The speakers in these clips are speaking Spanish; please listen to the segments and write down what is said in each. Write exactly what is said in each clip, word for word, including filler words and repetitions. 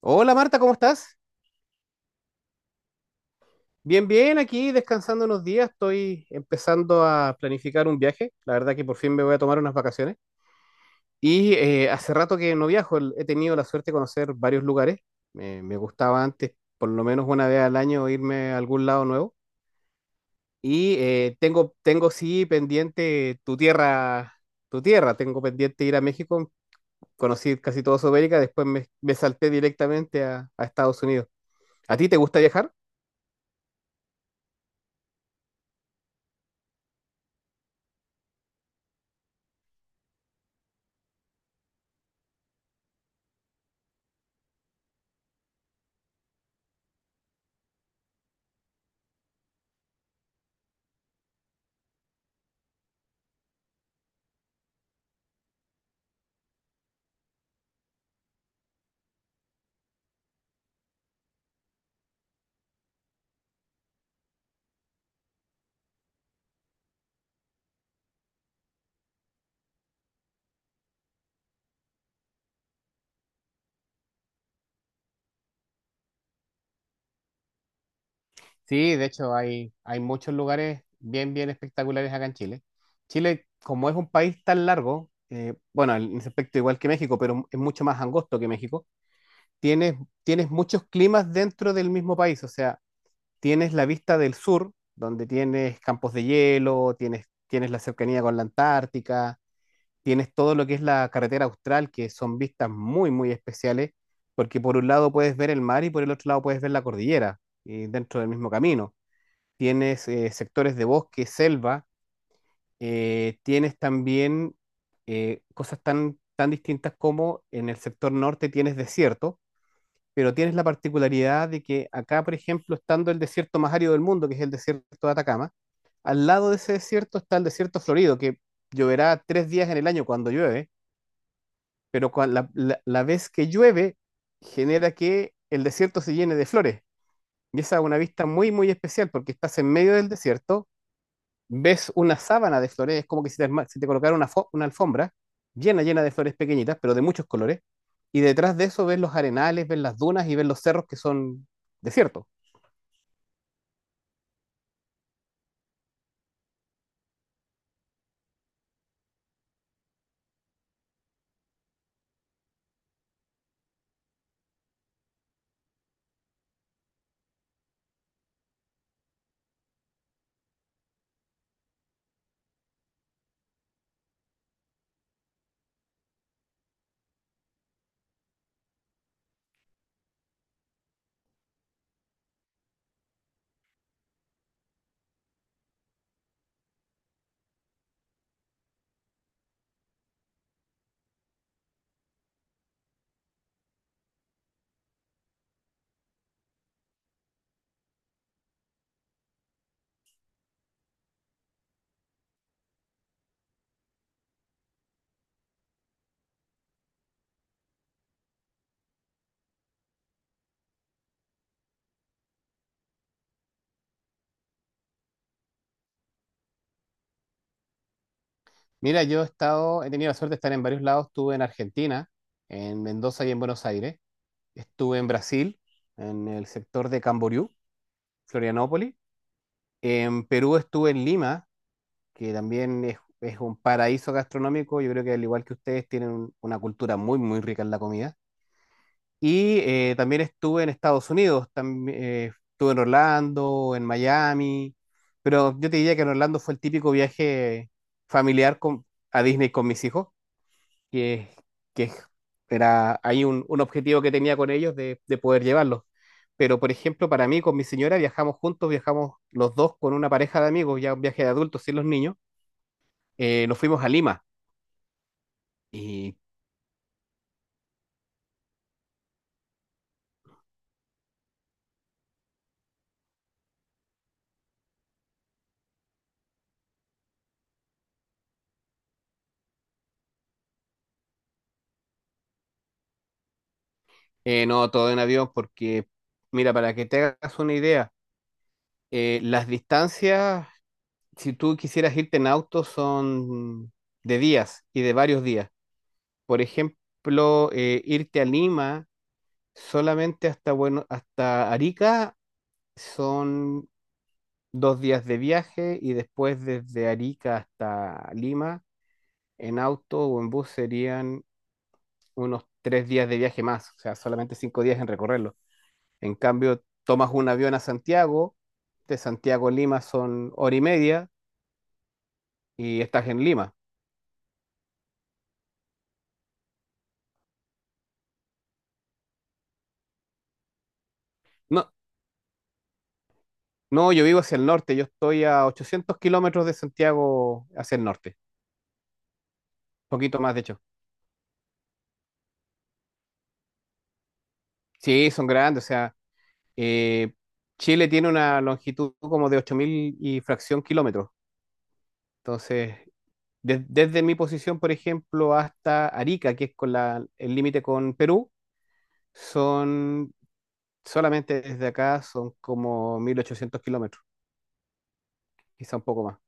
Hola Marta, ¿cómo estás? Bien, bien, aquí descansando unos días, estoy empezando a planificar un viaje, la verdad que por fin me voy a tomar unas vacaciones y eh, hace rato que no viajo. El- he tenido la suerte de conocer varios lugares. Eh, me gustaba antes por lo menos una vez al año irme a algún lado nuevo y eh, tengo, tengo sí pendiente tu tierra, tu tierra, tengo pendiente ir a México. Conocí casi toda Sudamérica, después me, me salté directamente a a Estados Unidos. ¿A ti te gusta viajar? Sí, de hecho hay, hay muchos lugares bien, bien espectaculares acá en Chile. Chile, como es un país tan largo, eh, bueno, en ese aspecto igual que México, pero es mucho más angosto que México, tienes, tienes muchos climas dentro del mismo país, o sea, tienes la vista del sur, donde tienes campos de hielo, tienes, tienes la cercanía con la Antártica, tienes todo lo que es la carretera austral, que son vistas muy, muy especiales, porque por un lado puedes ver el mar y por el otro lado puedes ver la cordillera, y dentro del mismo camino tienes eh, sectores de bosque, selva, eh, tienes también eh, cosas tan, tan distintas como en el sector norte tienes desierto, pero tienes la particularidad de que acá, por ejemplo, estando el desierto más árido del mundo, que es el desierto de Atacama, al lado de ese desierto está el desierto florido, que lloverá tres días en el año cuando llueve, pero cua- la, la- la vez que llueve genera que el desierto se llene de flores. Y esa es una vista muy, muy especial porque estás en medio del desierto, ves una sábana de flores, es como que si te, arma- si te colocara una, fo- una alfombra llena, llena de flores pequeñitas, pero de muchos colores, y detrás de eso ves los arenales, ves las dunas y ves los cerros que son desiertos. Mira, yo he estado, he tenido la suerte de estar en varios lados, estuve en Argentina, en Mendoza y en Buenos Aires, estuve en Brasil, en el sector de Camboriú, Florianópolis, en Perú estuve en Lima, que también es, es un paraíso gastronómico, yo creo que al igual que ustedes tienen una cultura muy, muy rica en la comida. Y eh, también estuve en Estados Unidos, tam- eh, estuve en Orlando, en Miami, pero yo te diría que en Orlando fue el típico viaje familiar con, a Disney con mis hijos, que, que era ahí un, un objetivo que tenía con ellos de, de poder llevarlos. Pero, por ejemplo, para mí, con mi señora, viajamos juntos, viajamos los dos con una pareja de amigos, ya un viaje de adultos sin los niños. Eh, nos fuimos a Lima y eh, no todo en avión porque, mira, para que te hagas una idea, Eh, las distancias, si tú quisieras irte en auto, son de días y de varios días. Por ejemplo, eh, irte a Lima solamente hasta, bueno, hasta Arica son dos días de viaje y después desde Arica hasta Lima en auto o en bus serían unos tres días de viaje más, o sea, solamente cinco días en recorrerlo. En cambio, tomas un avión a Santiago, de Santiago a Lima son hora y media y estás en Lima. No, no, yo vivo hacia el norte, yo estoy a ochocientos kilómetros de Santiago hacia el norte, poquito más de hecho. Sí, son grandes, o sea, eh, Chile tiene una longitud como de ocho mil y fracción kilómetros. Entonces, des- desde mi posición, por ejemplo, hasta Arica, que es con la, el límite con Perú, son solamente desde acá son como mil ochocientos kilómetros, quizá un poco más.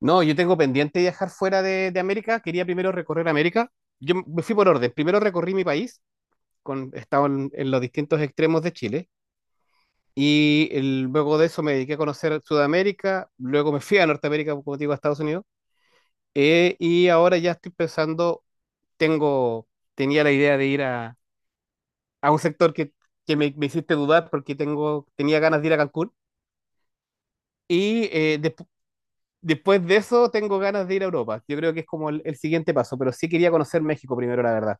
No, yo tengo pendiente viajar fuera de, de América. Quería primero recorrer América. Yo me fui por orden. Primero recorrí mi país, con, he estado en, en los distintos extremos de Chile. Y el- luego de eso me dediqué a conocer Sudamérica. Luego me fui a Norteamérica, como te digo, a Estados Unidos. Eh, y ahora ya estoy pensando, tengo, tenía la idea de ir a, a un sector que, que me, me hiciste dudar porque tengo, tenía ganas de ir a Cancún. Y eh, despu- Después de eso, tengo ganas de ir a Europa. Yo creo que es como el, el siguiente paso, pero sí quería conocer México primero, la verdad.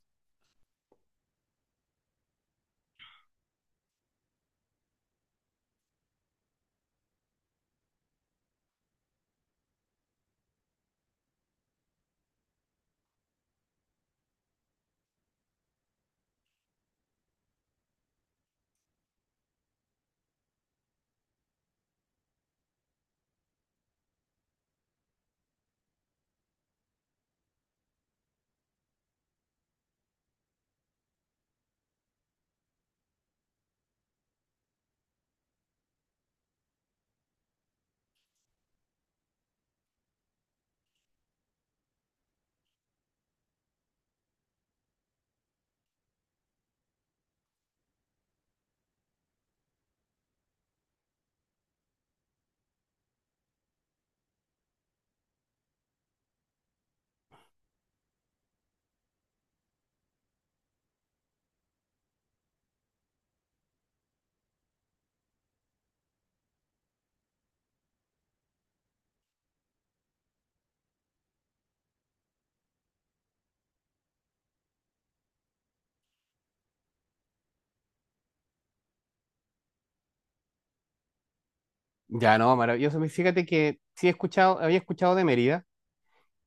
Ya, no, maravilloso. Y fíjate que sí he escuchado, había escuchado de Mérida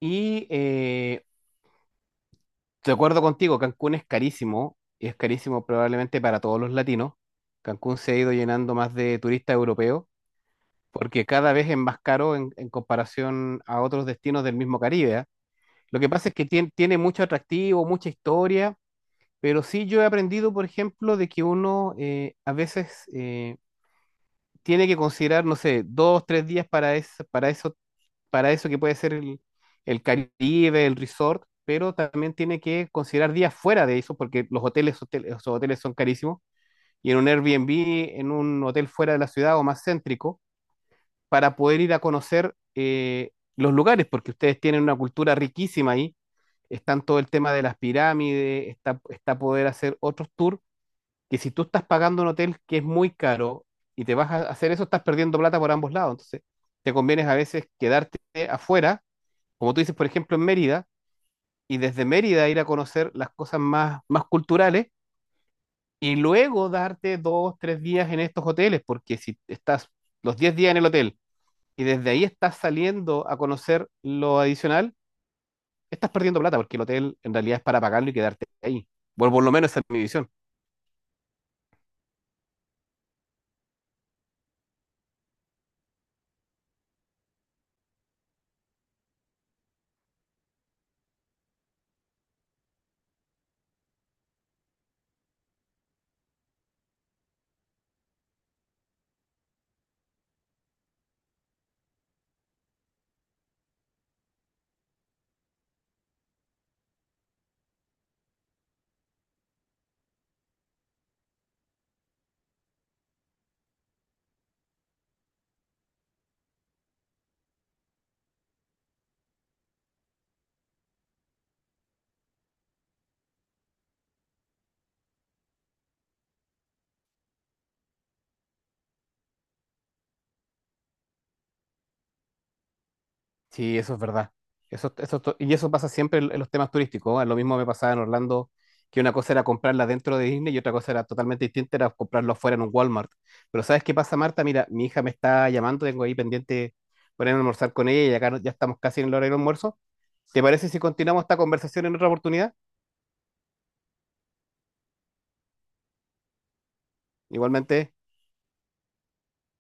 y eh, de acuerdo contigo, Cancún es carísimo y es carísimo probablemente para todos los latinos. Cancún se ha ido llenando más de turistas europeos porque cada vez es más caro en, en comparación a otros destinos del mismo Caribe, ¿ah? Lo que pasa es que tien- tiene mucho atractivo, mucha historia. Pero sí yo he aprendido, por ejemplo, de que uno eh, a veces eh, tiene que considerar, no sé, dos, tres días para eso, para eso, para eso que puede ser el, el Caribe, el resort, pero también tiene que considerar días fuera de eso, porque los hoteles, hotel- los hoteles son carísimos, y en un Airbnb, en un hotel fuera de la ciudad o más céntrico, para poder ir a conocer eh, los lugares, porque ustedes tienen una cultura riquísima ahí, están todo el tema de las pirámides, está, está poder hacer otros tours que si tú estás pagando un hotel que es muy caro y te vas a hacer eso, estás perdiendo plata por ambos lados. Entonces, te conviene a veces quedarte afuera, como tú dices, por ejemplo, en Mérida, y desde Mérida ir a conocer las cosas más, más culturales y luego darte dos, tres días en estos hoteles, porque si estás los diez días en el hotel y desde ahí estás saliendo a conocer lo adicional, estás perdiendo plata, porque el hotel en realidad es para pagarlo y quedarte ahí. Bueno, por lo menos esa es mi visión. Sí, eso es verdad. Eso, eso, to- y eso pasa siempre en en los temas turísticos, ¿eh? Lo mismo me pasaba en Orlando, que una cosa era comprarla dentro de Disney y otra cosa era totalmente distinta, era comprarlo afuera en un Walmart. Pero ¿sabes qué pasa, Marta? Mira, mi hija me está llamando, tengo ahí pendiente ponerme a almorzar con ella y acá no- ya estamos casi en el hora del almuerzo. ¿Te parece si continuamos esta conversación en otra oportunidad? Igualmente.